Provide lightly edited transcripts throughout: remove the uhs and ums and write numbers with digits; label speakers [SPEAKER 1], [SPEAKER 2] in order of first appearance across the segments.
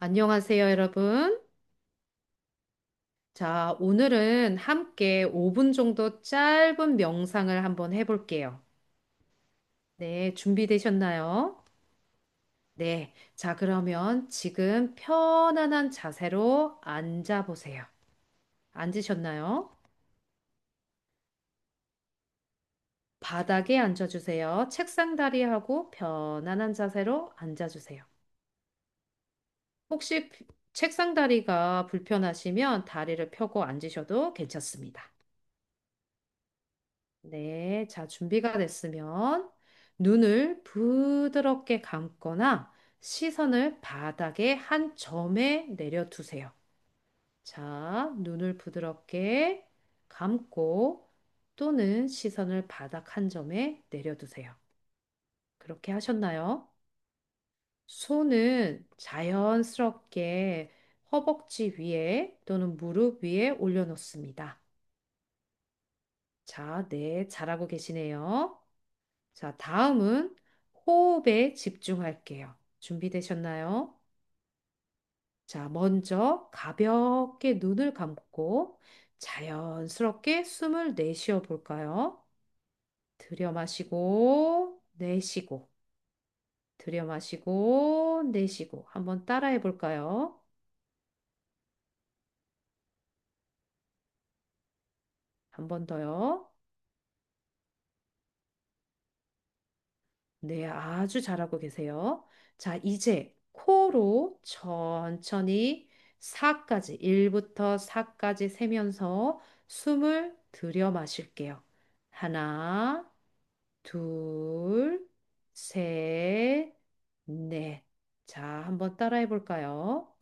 [SPEAKER 1] 안녕하세요, 여러분. 자, 오늘은 함께 5분 정도 짧은 명상을 한번 해볼게요. 네, 준비되셨나요? 네. 자, 그러면 지금 편안한 자세로 앉아보세요. 앉으셨나요? 바닥에 앉아주세요. 책상 다리하고 편안한 자세로 앉아주세요. 혹시 책상 다리가 불편하시면 다리를 펴고 앉으셔도 괜찮습니다. 네, 자, 준비가 됐으면 눈을 부드럽게 감거나 시선을 바닥의 한 점에 내려두세요. 자, 눈을 부드럽게 감고 또는 시선을 바닥 한 점에 내려두세요. 그렇게 하셨나요? 손은 자연스럽게 허벅지 위에 또는 무릎 위에 올려놓습니다. 자, 네, 잘하고 계시네요. 자, 다음은 호흡에 집중할게요. 준비되셨나요? 자, 먼저 가볍게 눈을 감고 자연스럽게 숨을 내쉬어 볼까요? 들여 마시고, 내쉬고, 들여 마시고, 내쉬고. 한번 따라해 볼까요? 한번 더요. 네, 아주 잘하고 계세요. 자, 이제 코로 천천히 4까지, 1부터 4까지 세면서 숨을 들여 마실게요. 하나, 둘, 셋, 넷. 자, 한번 따라해 볼까요?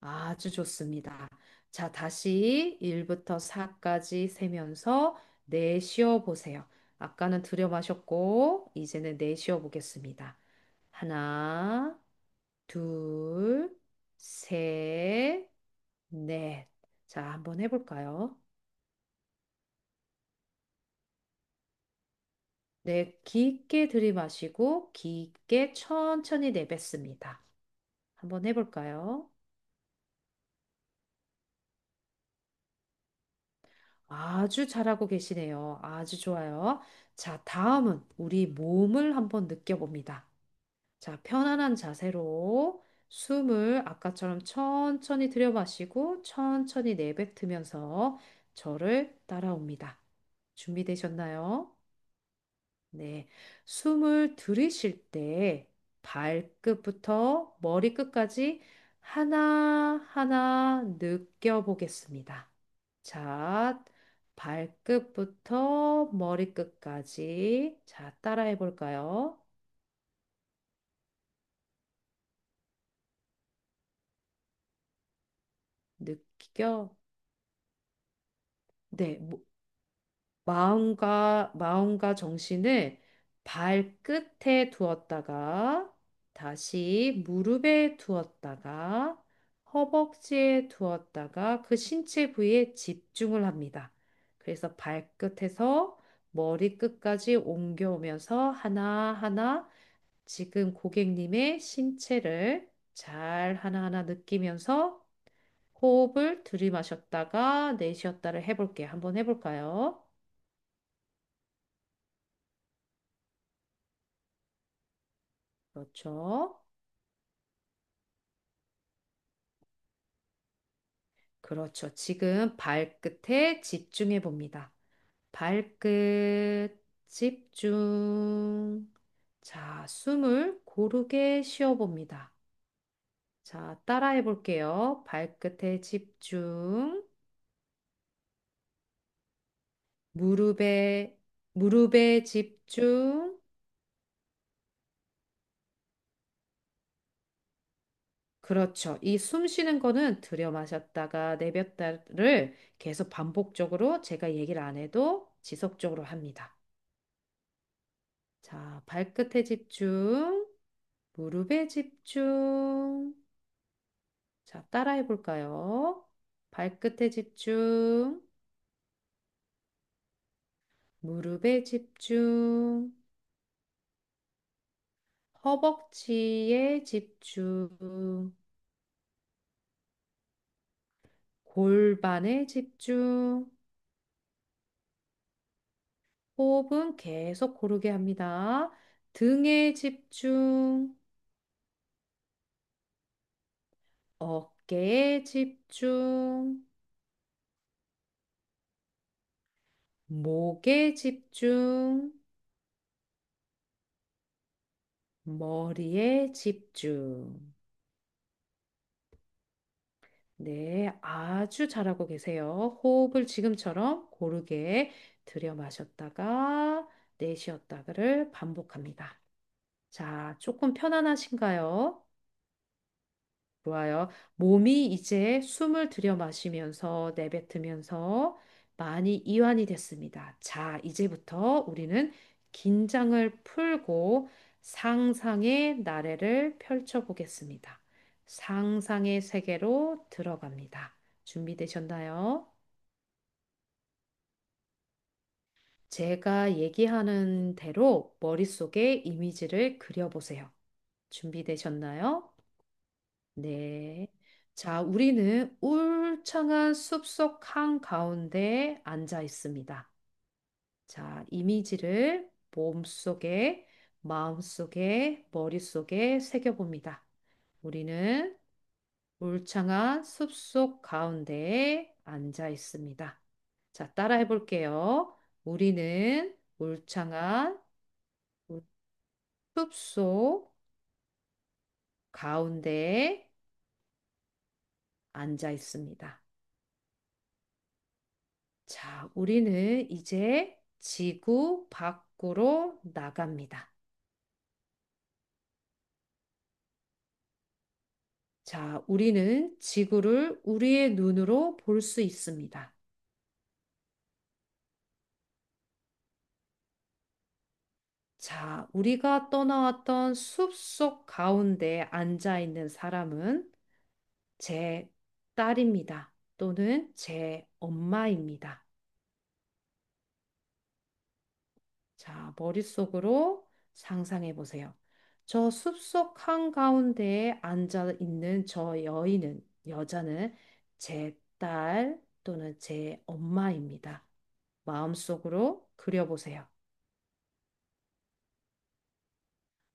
[SPEAKER 1] 아주 좋습니다. 자, 다시 1부터 4까지 세면서 내쉬어 보세요. 아까는 들여 마셨고, 이제는 내쉬어 보겠습니다. 하나, 둘, 셋, 넷. 자, 한번 해볼까요? 네, 깊게 들이마시고, 깊게 천천히 내뱉습니다. 한번 해볼까요? 아주 잘하고 계시네요. 아주 좋아요. 자, 다음은 우리 몸을 한번 느껴봅니다. 자, 편안한 자세로 숨을 아까처럼 천천히 들여 마시고 천천히 내뱉으면서 저를 따라옵니다. 준비되셨나요? 네. 숨을 들이쉴 때 발끝부터 머리끝까지 하나하나 느껴보겠습니다. 자, 발끝부터 머리끝까지. 자, 따라해 볼까요? 느껴. 네, 마음과 정신을 발끝에 두었다가 다시 무릎에 두었다가 허벅지에 두었다가 그 신체 부위에 집중을 합니다. 그래서 발끝에서 머리끝까지 옮겨오면서 하나하나 지금 고객님의 신체를 잘 하나하나 느끼면서 호흡을 들이마셨다가 내쉬었다를 해볼게요. 한번 해볼까요? 그렇죠. 그렇죠. 지금 발끝에 집중해 봅니다. 발끝 집중. 자, 숨을 고르게 쉬어 봅니다. 자, 따라해 볼게요. 발끝에 집중. 무릎에, 무릎에 집중. 그렇죠. 이 숨 쉬는 거는 들여 마셨다가 내뱉다를 계속 반복적으로 제가 얘기를 안 해도 지속적으로 합니다. 자, 발끝에 집중, 무릎에 집중. 자, 따라해 볼까요? 발끝에 집중, 무릎에 집중, 허벅지에 집중, 골반에 집중. 호흡은 계속 고르게 합니다. 등에 집중. 어깨에 집중, 목에 집중, 머리에 집중. 네, 아주 잘하고 계세요. 호흡을 지금처럼 고르게 들여 마셨다가 내쉬었다가를 반복합니다. 자, 조금 편안하신가요? 좋아요. 몸이 이제 숨을 들여 마시면서 내뱉으면서 많이 이완이 됐습니다. 자, 이제부터 우리는 긴장을 풀고 상상의 나래를 펼쳐 보겠습니다. 상상의 세계로 들어갑니다. 준비되셨나요? 제가 얘기하는 대로 머릿속에 이미지를 그려보세요. 준비되셨나요? 네. 자, 우리는 울창한 숲속 한가운데 앉아 있습니다. 자, 이미지를 몸속에, 마음속에, 머릿속에 새겨봅니다. 우리는 울창한 숲속 가운데에 앉아 있습니다. 자, 따라해 볼게요. 우리는 울창한 숲속 가운데에 앉아 있습니다. 자, 우리는 이제 지구 밖으로 나갑니다. 자, 우리는 지구를 우리의 눈으로 볼 수 있습니다. 자, 우리가 떠나왔던 숲속 가운데 앉아 있는 사람은 제 딸입니다. 또는 제 엄마입니다. 자, 머릿속으로 상상해 보세요. 저 숲속 한가운데에 앉아 있는 저 여인은, 여자는 제 딸 또는 제 엄마입니다. 마음속으로 그려보세요.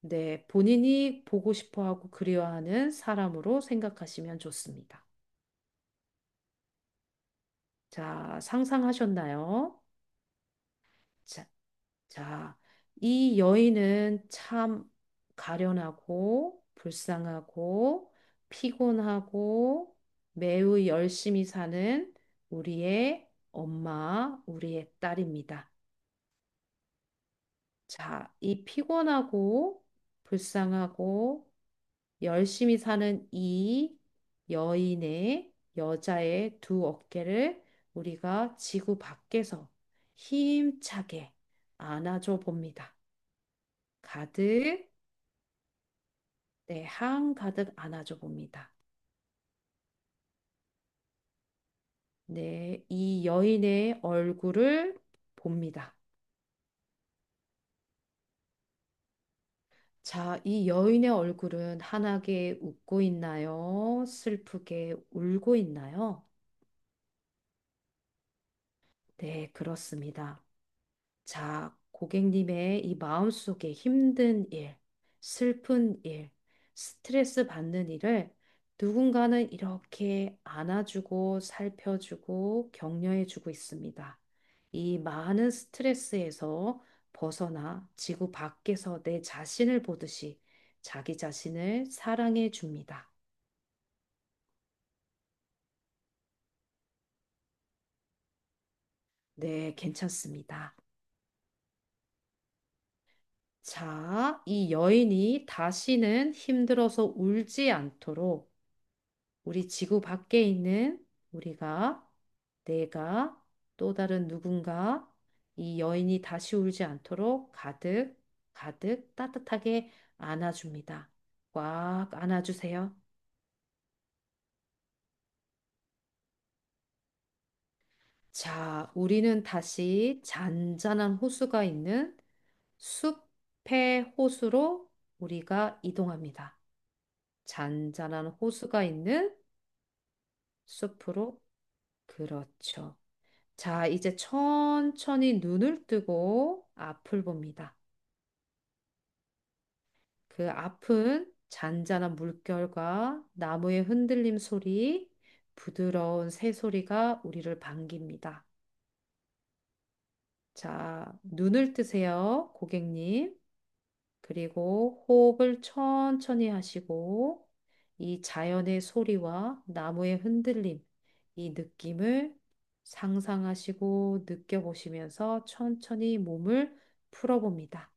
[SPEAKER 1] 네, 본인이 보고 싶어 하고 그리워하는 사람으로 생각하시면 좋습니다. 자, 상상하셨나요? 자, 자, 이 여인은 참 가련하고 불쌍하고 피곤하고 매우 열심히 사는 우리의 엄마, 우리의 딸입니다. 자, 이 피곤하고 불쌍하고 열심히 사는 이 여인의 여자의 두 어깨를 우리가 지구 밖에서 힘차게 안아줘 봅니다. 가득 네, 향 가득 안아줘 봅니다. 네, 이 여인의 얼굴을 봅니다. 자, 이 여인의 얼굴은 환하게 웃고 있나요? 슬프게 울고 있나요? 네, 그렇습니다. 자, 고객님의 이 마음속에 힘든 일, 슬픈 일, 스트레스 받는 일을 누군가는 이렇게 안아주고 살펴주고 격려해주고 있습니다. 이 많은 스트레스에서 벗어나 지구 밖에서 내 자신을 보듯이 자기 자신을 사랑해 줍니다. 네, 괜찮습니다. 자, 이 여인이 다시는 힘들어서 울지 않도록 우리 지구 밖에 있는 우리가, 내가, 또 다른 누군가, 이 여인이 다시 울지 않도록 가득, 가득 따뜻하게 안아줍니다. 꽉 안아주세요. 자, 우리는 다시 잔잔한 호수가 있는 숲의 호수로 우리가 이동합니다. 잔잔한 호수가 있는 숲으로. 그렇죠. 자, 이제 천천히 눈을 뜨고 앞을 봅니다. 그 앞은 잔잔한 물결과 나무의 흔들림 소리, 부드러운 새소리가 우리를 반깁니다. 자, 눈을 뜨세요, 고객님. 그리고 호흡을 천천히 하시고, 이 자연의 소리와 나무의 흔들림, 이 느낌을 상상하시고 느껴보시면서 천천히 몸을 풀어봅니다.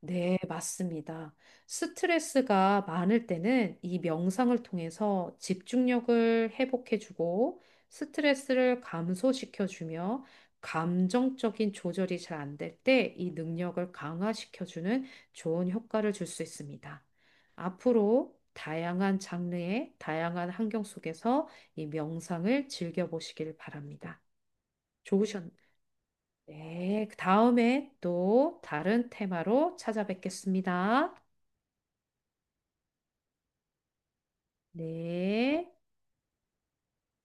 [SPEAKER 1] 네, 맞습니다. 스트레스가 많을 때는 이 명상을 통해서 집중력을 회복해주고 스트레스를 감소시켜주며 감정적인 조절이 잘 안될 때 이 능력을 강화시켜주는 좋은 효과를 줄 수 있습니다. 앞으로 다양한 장르의 다양한 환경 속에서 이 명상을 즐겨보시길 바랍니다. 좋으셨, 네, 그 다음에 또 다른 테마로 찾아뵙겠습니다. 네.